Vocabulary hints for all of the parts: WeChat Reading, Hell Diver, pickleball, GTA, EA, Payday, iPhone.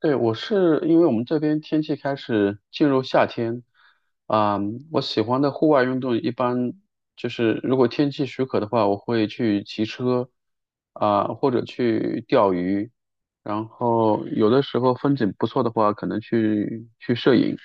对，我是因为我们这边天气开始进入夏天，啊、我喜欢的户外运动一般就是如果天气许可的话，我会去骑车，或者去钓鱼，然后有的时候风景不错的话，可能去摄影。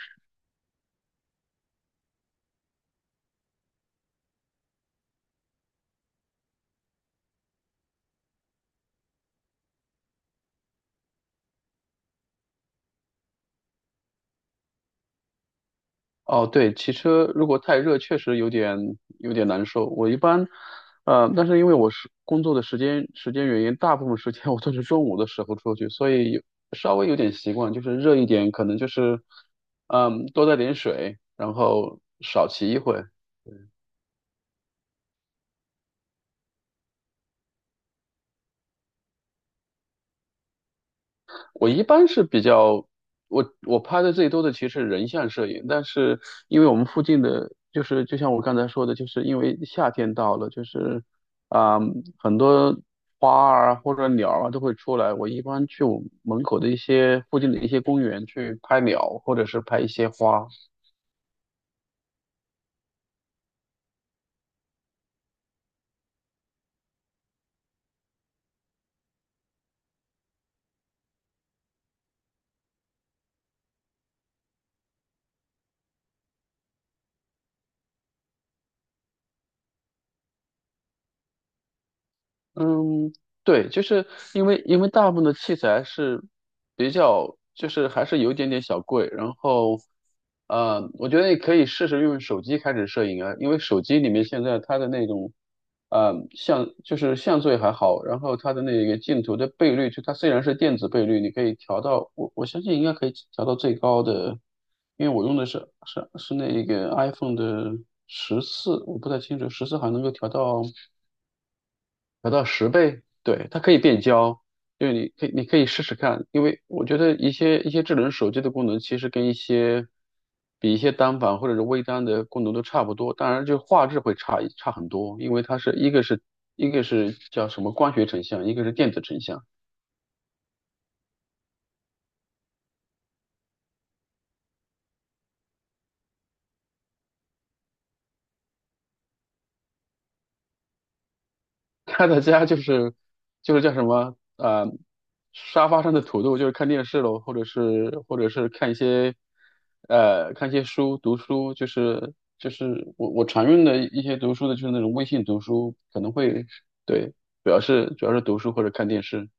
哦，对，骑车如果太热，确实有点难受。我一般，但是因为我是工作的时间原因，大部分时间 我都是中午的时候出去，所以有稍微有点习惯，就是热一点，可能就是，嗯，多带点水，然后少骑一会，我一般是比较，我拍的最多的其实是人像摄影，但是因为我们附近的，就是就像我刚才说的，就是因为夏天到了，就是啊、很多花儿啊或者鸟儿啊都会出来。我一般去我门口的一些附近的一些公园去拍鸟，或者是拍一些花。嗯，对，就是因为大部分的器材是比较，就是还是有一点点小贵，然后，我觉得你可以试试用手机开始摄影啊，因为手机里面现在它的那种，像就是像素也还好，然后它的那个镜头的倍率，就它虽然是电子倍率，你可以调到，我相信应该可以调到最高的，因为我用的是那个 iPhone 的14，我不太清楚十四还能够调到。调到10倍，对，它可以变焦，就是你可以试试看，因为我觉得一些智能手机的功能其实跟一些单反或者是微单的功能都差不多，当然就画质会差很多，因为它是一个是叫什么光学成像，一个是电子成像，他的家就是就是叫什么沙发上的土豆，就是看电视喽，或者是看一些看一些书，读书，就是就是我常用的一些读书的就是那种微信读书，可能会对，主要是读书或者看电视。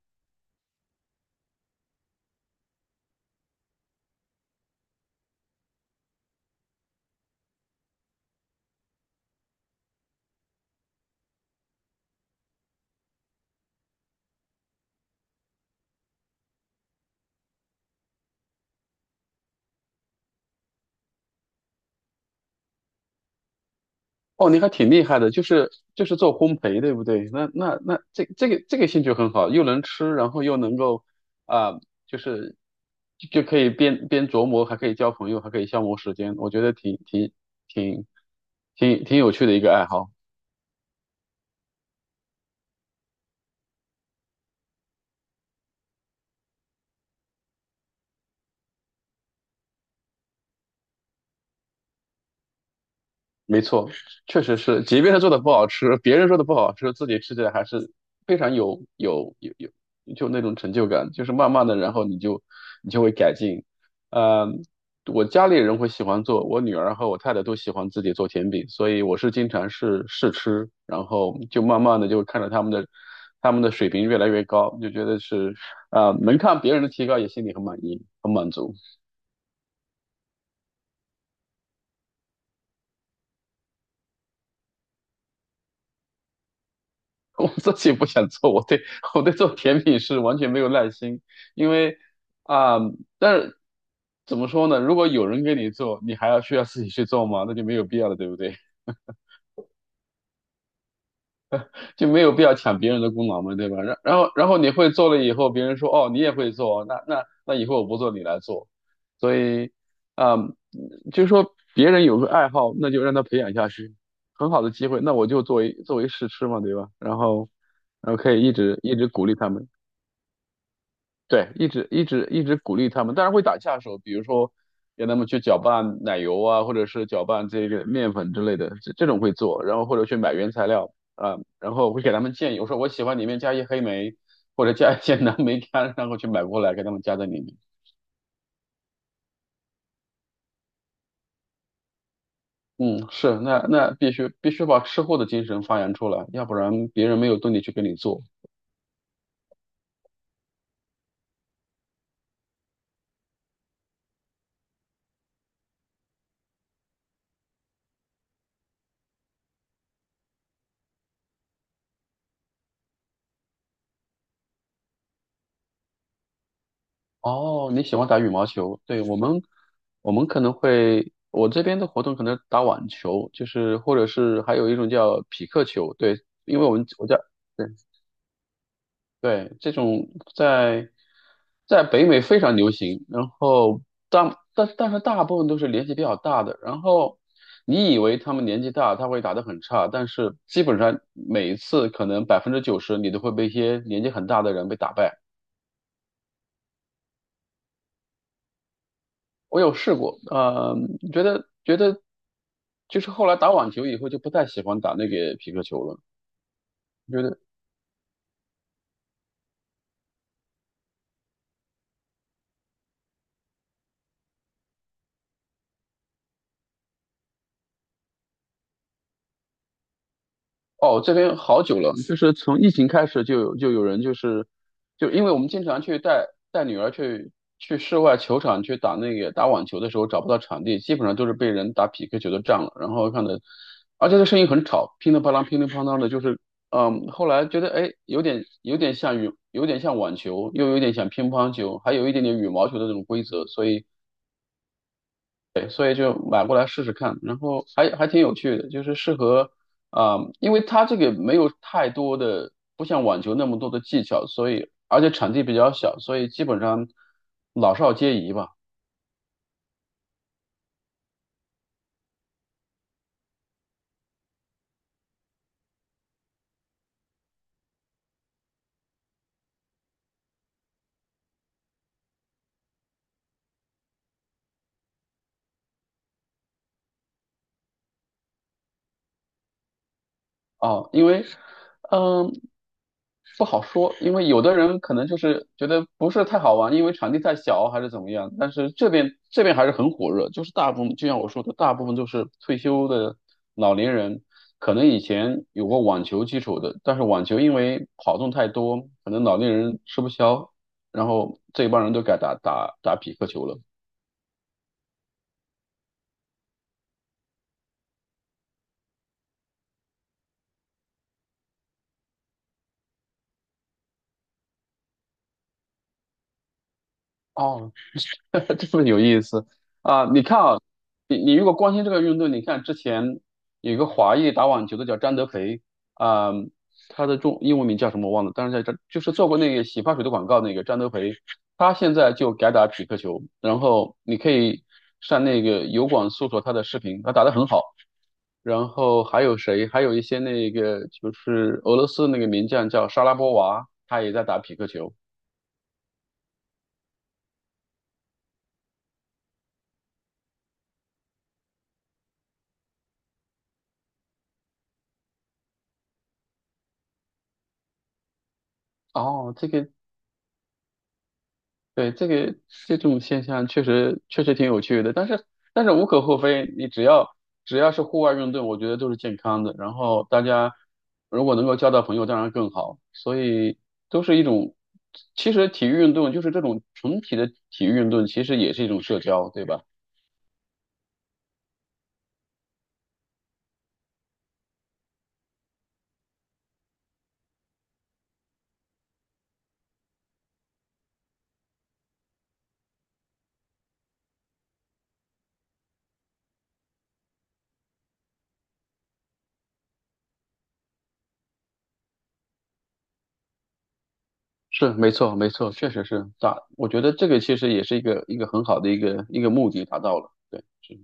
哦，你还挺厉害的，就是做烘焙，对不对？那这个兴趣很好，又能吃，然后又能够啊、就是就可以边琢磨，还可以交朋友，还可以消磨时间，我觉得挺挺有趣的一个爱好。没错，确实是，即便他做的不好吃，别人说的不好吃，自己吃起来还是非常有，就那种成就感，就是慢慢的，然后你就会改进。呃，我家里人会喜欢做，我女儿和我太太都喜欢自己做甜品，所以我是经常试试吃，然后就慢慢的就看着他们的水平越来越高，就觉得是能看别人的提高，也心里很满意，很满足。我自己不想做，我对做甜品是完全没有耐心，因为啊、但是怎么说呢？如果有人给你做，你还要需要自己去做吗？那就没有必要了，对不对？就没有必要抢别人的功劳嘛，对吧？然后你会做了以后，别人说哦你也会做，那以后我不做你来做，所以啊、就是说别人有个爱好，那就让他培养下去，很好的机会，那我就作为试吃嘛，对吧？然后然后可以一直鼓励他们。对，一直鼓励他们，当然会打下手，比如说让他们去搅拌奶油啊，或者是搅拌这个面粉之类的，这种会做，然后或者去买原材料啊，然后会给他们建议，我说我喜欢里面加一黑莓或者加一些蓝莓干，然后去买过来给他们加在里面。嗯，是，那那必须把吃货的精神发扬出来，要不然别人没有动力去给你做。哦，你喜欢打羽毛球？对，我们，我们可能会，我这边的活动可能打网球，就是或者是还有一种叫匹克球，对，因为我们我家，对对，这种在在北美非常流行，然后但是大部分都是年纪比较大的，然后你以为他们年纪大，他会打得很差，但是基本上每一次可能90%你都会被一些年纪很大的人被打败。我有试过，呃，觉得就是后来打网球以后就不太喜欢打那个皮克球了，觉得。哦，这边好久了，就是从疫情开始就有人就是，就因为我们经常去带女儿去去室外球场去打那个打网球的时候找不到场地，基本上都是被人打匹克球都占了，然后看的，而且这声音很吵，乒铃乓啷乒铃乓啷的，就是嗯，后来觉得哎有点像网球，又有点像乒乓球，还有一点点羽毛球的这种规则，所以对，所以就买过来试试看，然后还挺有趣的，就是适合因为它这个没有太多的，不像网球那么多的技巧，所以而且场地比较小，所以基本上老少皆宜吧。哦，因为，嗯，不好说，因为有的人可能就是觉得不是太好玩，因为场地太小还是怎么样。但是这边还是很火热，就是大部分就像我说的，大部分都是退休的老年人，可能以前有过网球基础的，但是网球因为跑动太多，可能老年人吃不消，然后这一帮人都改打匹克球了。哦，这么有意思啊！你看啊，你如果关心这个运动，你看之前有一个华裔打网球的叫张德培啊、他的中英文名叫什么我忘了，但是在这就是做过那个洗发水的广告那个张德培，他现在就改打匹克球，然后你可以上那个油管搜索他的视频，他打得很好。然后还有谁？还有一些那个就是俄罗斯那个名将叫莎拉波娃，他也在打匹克球。哦，这个对，这个这种现象确实挺有趣的，但是但是无可厚非，你只要是户外运动，我觉得都是健康的。然后大家如果能够交到朋友，当然更好。所以都是一种，其实体育运动就是这种纯体的体育运动，其实也是一种社交，对吧？是，没错，没错，确实是达，我觉得这个其实也是一个很好的一个目的达到了，对。是